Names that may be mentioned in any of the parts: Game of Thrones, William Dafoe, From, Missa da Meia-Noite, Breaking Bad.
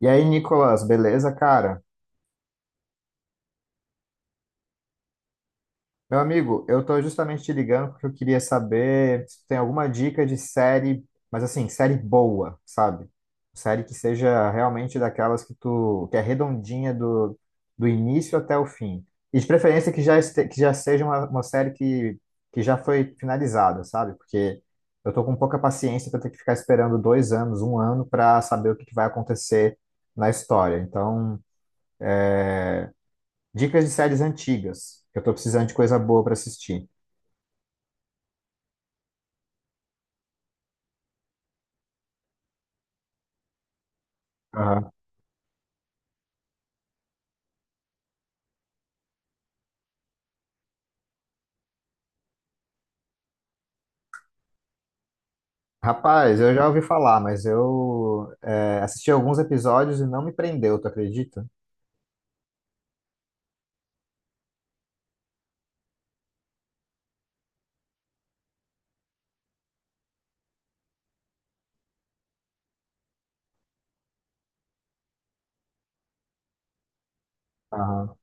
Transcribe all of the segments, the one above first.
E aí, Nicolas, beleza, cara? Meu amigo, eu tô justamente te ligando porque eu queria saber se tu tem alguma dica de série, mas assim, série boa, sabe? Série que seja realmente daquelas que tu, que é redondinha do início até o fim. E de preferência que já, este, que já seja uma série que já foi finalizada, sabe? Porque eu tô com pouca paciência pra ter que ficar esperando dois anos, um ano, pra saber o que que vai acontecer na história. Então. Dicas de séries antigas, que eu tô precisando de coisa boa pra assistir. Aham. Rapaz, eu já ouvi falar, mas assisti alguns episódios e não me prendeu, tu acredita? Aham.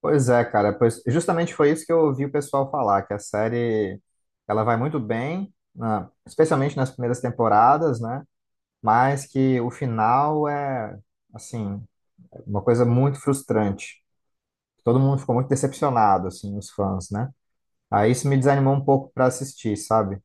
Pois é, cara, pois justamente foi isso que eu ouvi o pessoal falar, que a série ela vai muito bem, especialmente nas primeiras temporadas, né? Mas que o final é, assim, uma coisa muito frustrante. Todo mundo ficou muito decepcionado, assim, os fãs, né? Aí isso me desanimou um pouco pra assistir, sabe?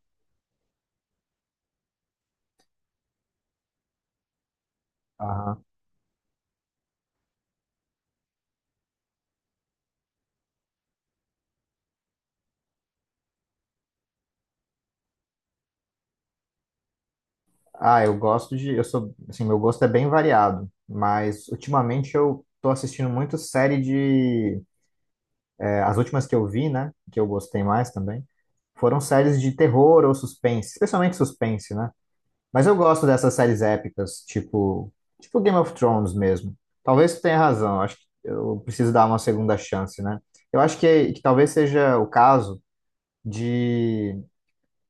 Ah, eu sou, assim, meu gosto é bem variado, mas ultimamente eu tô assistindo muito série de as últimas que eu vi, né, que eu gostei mais também, foram séries de terror ou suspense, especialmente suspense, né? Mas eu gosto dessas séries épicas, tipo Game of Thrones mesmo. Talvez tu tenha razão, eu acho que eu preciso dar uma segunda chance, né? Eu acho que talvez seja o caso de,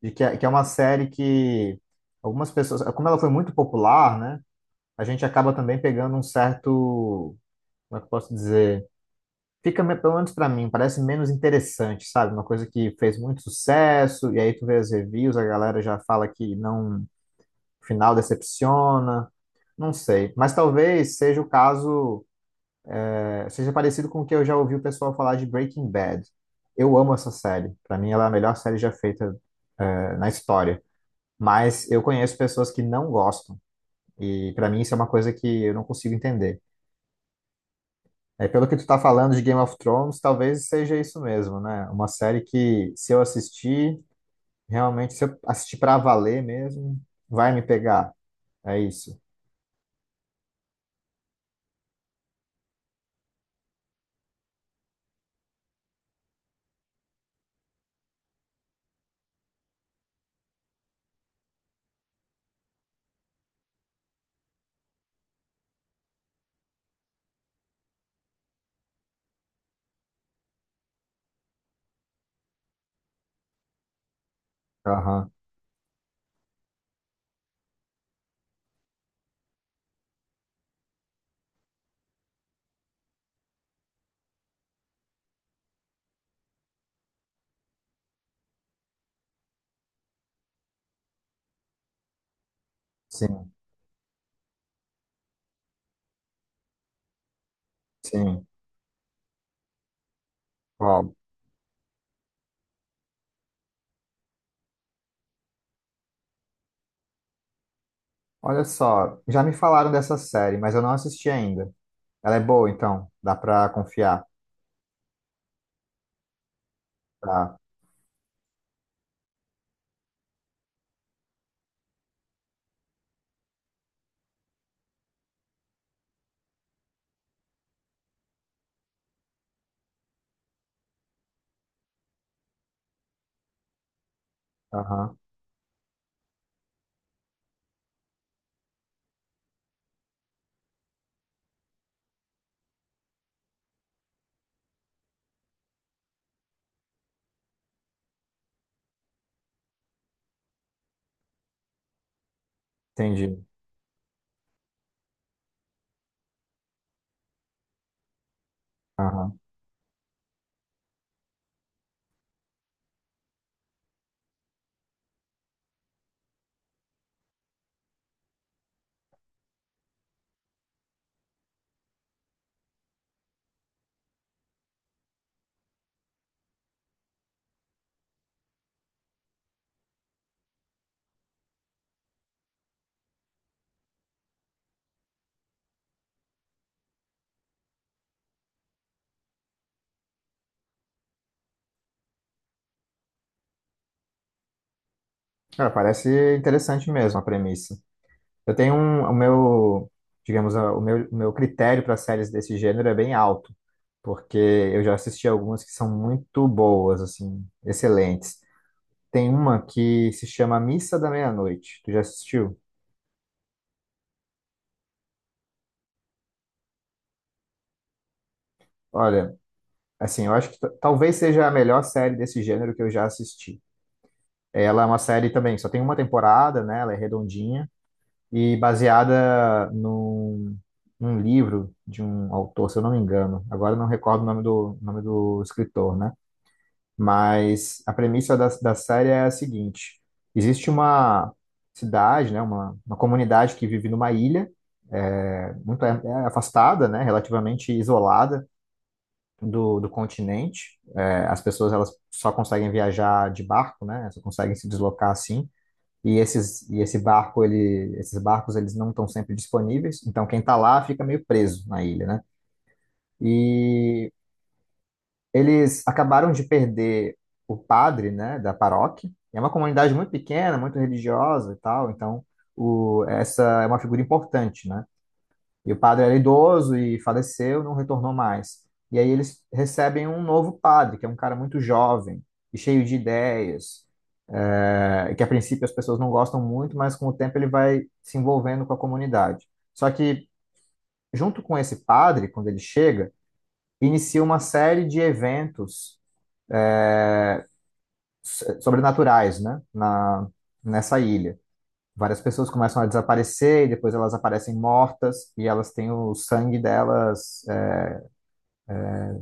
de que é uma série que algumas pessoas, como ela foi muito popular, né? A gente acaba também pegando um certo, como é que eu posso dizer? Pelo menos pra mim, parece menos interessante, sabe? Uma coisa que fez muito sucesso, e aí tu vê as reviews, a galera já fala que não, o final decepciona, não sei. Mas talvez seja o caso, é, seja parecido com o que eu já ouvi o pessoal falar de Breaking Bad. Eu amo essa série. Pra mim, ela é a melhor série já feita, é, na história. Mas eu conheço pessoas que não gostam, e pra mim isso é uma coisa que eu não consigo entender. É, pelo que tu tá falando de Game of Thrones, talvez seja isso mesmo, né? Uma série que, se eu assistir, realmente, se eu assistir pra valer mesmo, vai me pegar. É isso. Aham. Sim, sim. Ó, olha só, já me falaram dessa série, mas eu não assisti ainda. Ela é boa, então? Dá pra confiar? Tá. Aham. Entendi. Aham. Cara, parece interessante mesmo a premissa. Eu tenho um, o meu, digamos, a- O meu, o meu critério para séries desse gênero é bem alto, porque eu já assisti algumas que são muito boas, assim, excelentes. Tem uma que se chama Missa da Meia-Noite. Tu já assistiu? Olha, assim, eu acho que talvez seja a melhor série desse gênero que eu já assisti. Ela é uma série também, só tem uma temporada, né? Ela é redondinha e baseada num livro de um autor, se eu não me engano. Agora eu não recordo o nome do escritor, né? Mas a premissa da série é a seguinte: existe uma cidade, né, uma comunidade que vive numa ilha, muito é afastada, né, relativamente isolada do continente. É, as pessoas elas só conseguem viajar de barco, né, só conseguem se deslocar assim. E esse barco esses barcos eles não estão sempre disponíveis. Então quem está lá fica meio preso na ilha, né? E eles acabaram de perder o padre, né, da paróquia. É uma comunidade muito pequena, muito religiosa e tal, então essa é uma figura importante, né? E o padre era idoso e faleceu, não retornou mais. E aí eles recebem um novo padre, que é um cara muito jovem e cheio de ideias, é, que a princípio as pessoas não gostam muito, mas com o tempo ele vai se envolvendo com a comunidade. Só que junto com esse padre, quando ele chega, inicia uma série de eventos sobrenaturais, né? Nessa ilha. Várias pessoas começam a desaparecer e depois elas aparecem mortas e elas têm o sangue delas é,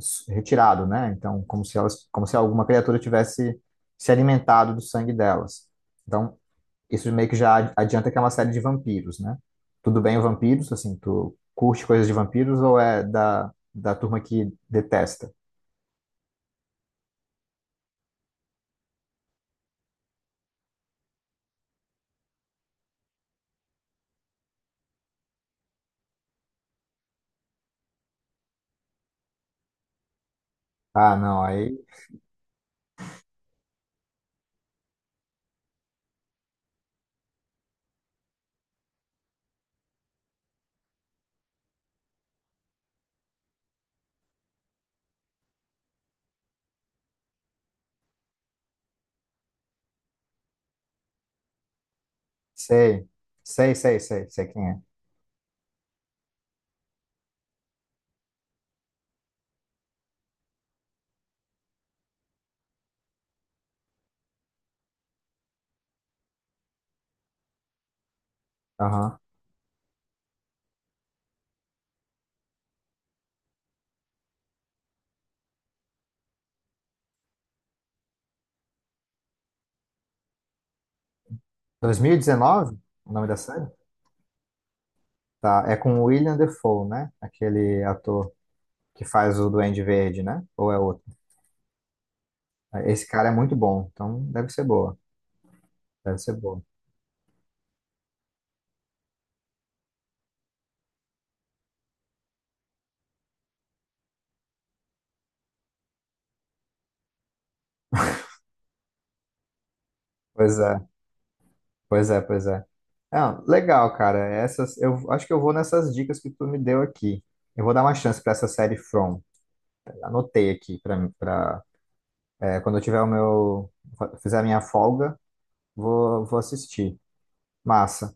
s- retirado, né? Então, como se elas, como se alguma criatura tivesse se alimentado do sangue delas. Então, isso meio que já adianta que é uma série de vampiros, né? Tudo bem, o vampiros, assim, tu curte coisas de vampiros ou é da turma que detesta? Ah, não, aí sei, sei quem é. Aham. 2019, o nome da série? Tá, é com o William Dafoe né? Aquele ator que faz o Duende Verde, né? Ou é outro? Esse cara é muito bom, então deve ser boa. Deve ser boa. Pois é, pois é. Não, legal, cara. Essas, eu acho que eu vou nessas dicas que tu me deu aqui. Eu vou dar uma chance para essa série From. Anotei aqui para quando eu tiver o meu fizer a minha folga, vou assistir. Massa.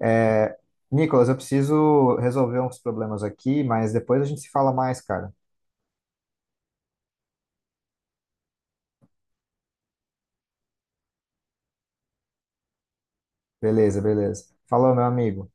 É, Nicolas, eu preciso resolver uns problemas aqui, mas depois a gente se fala mais, cara. Beleza, beleza. Falou, meu amigo.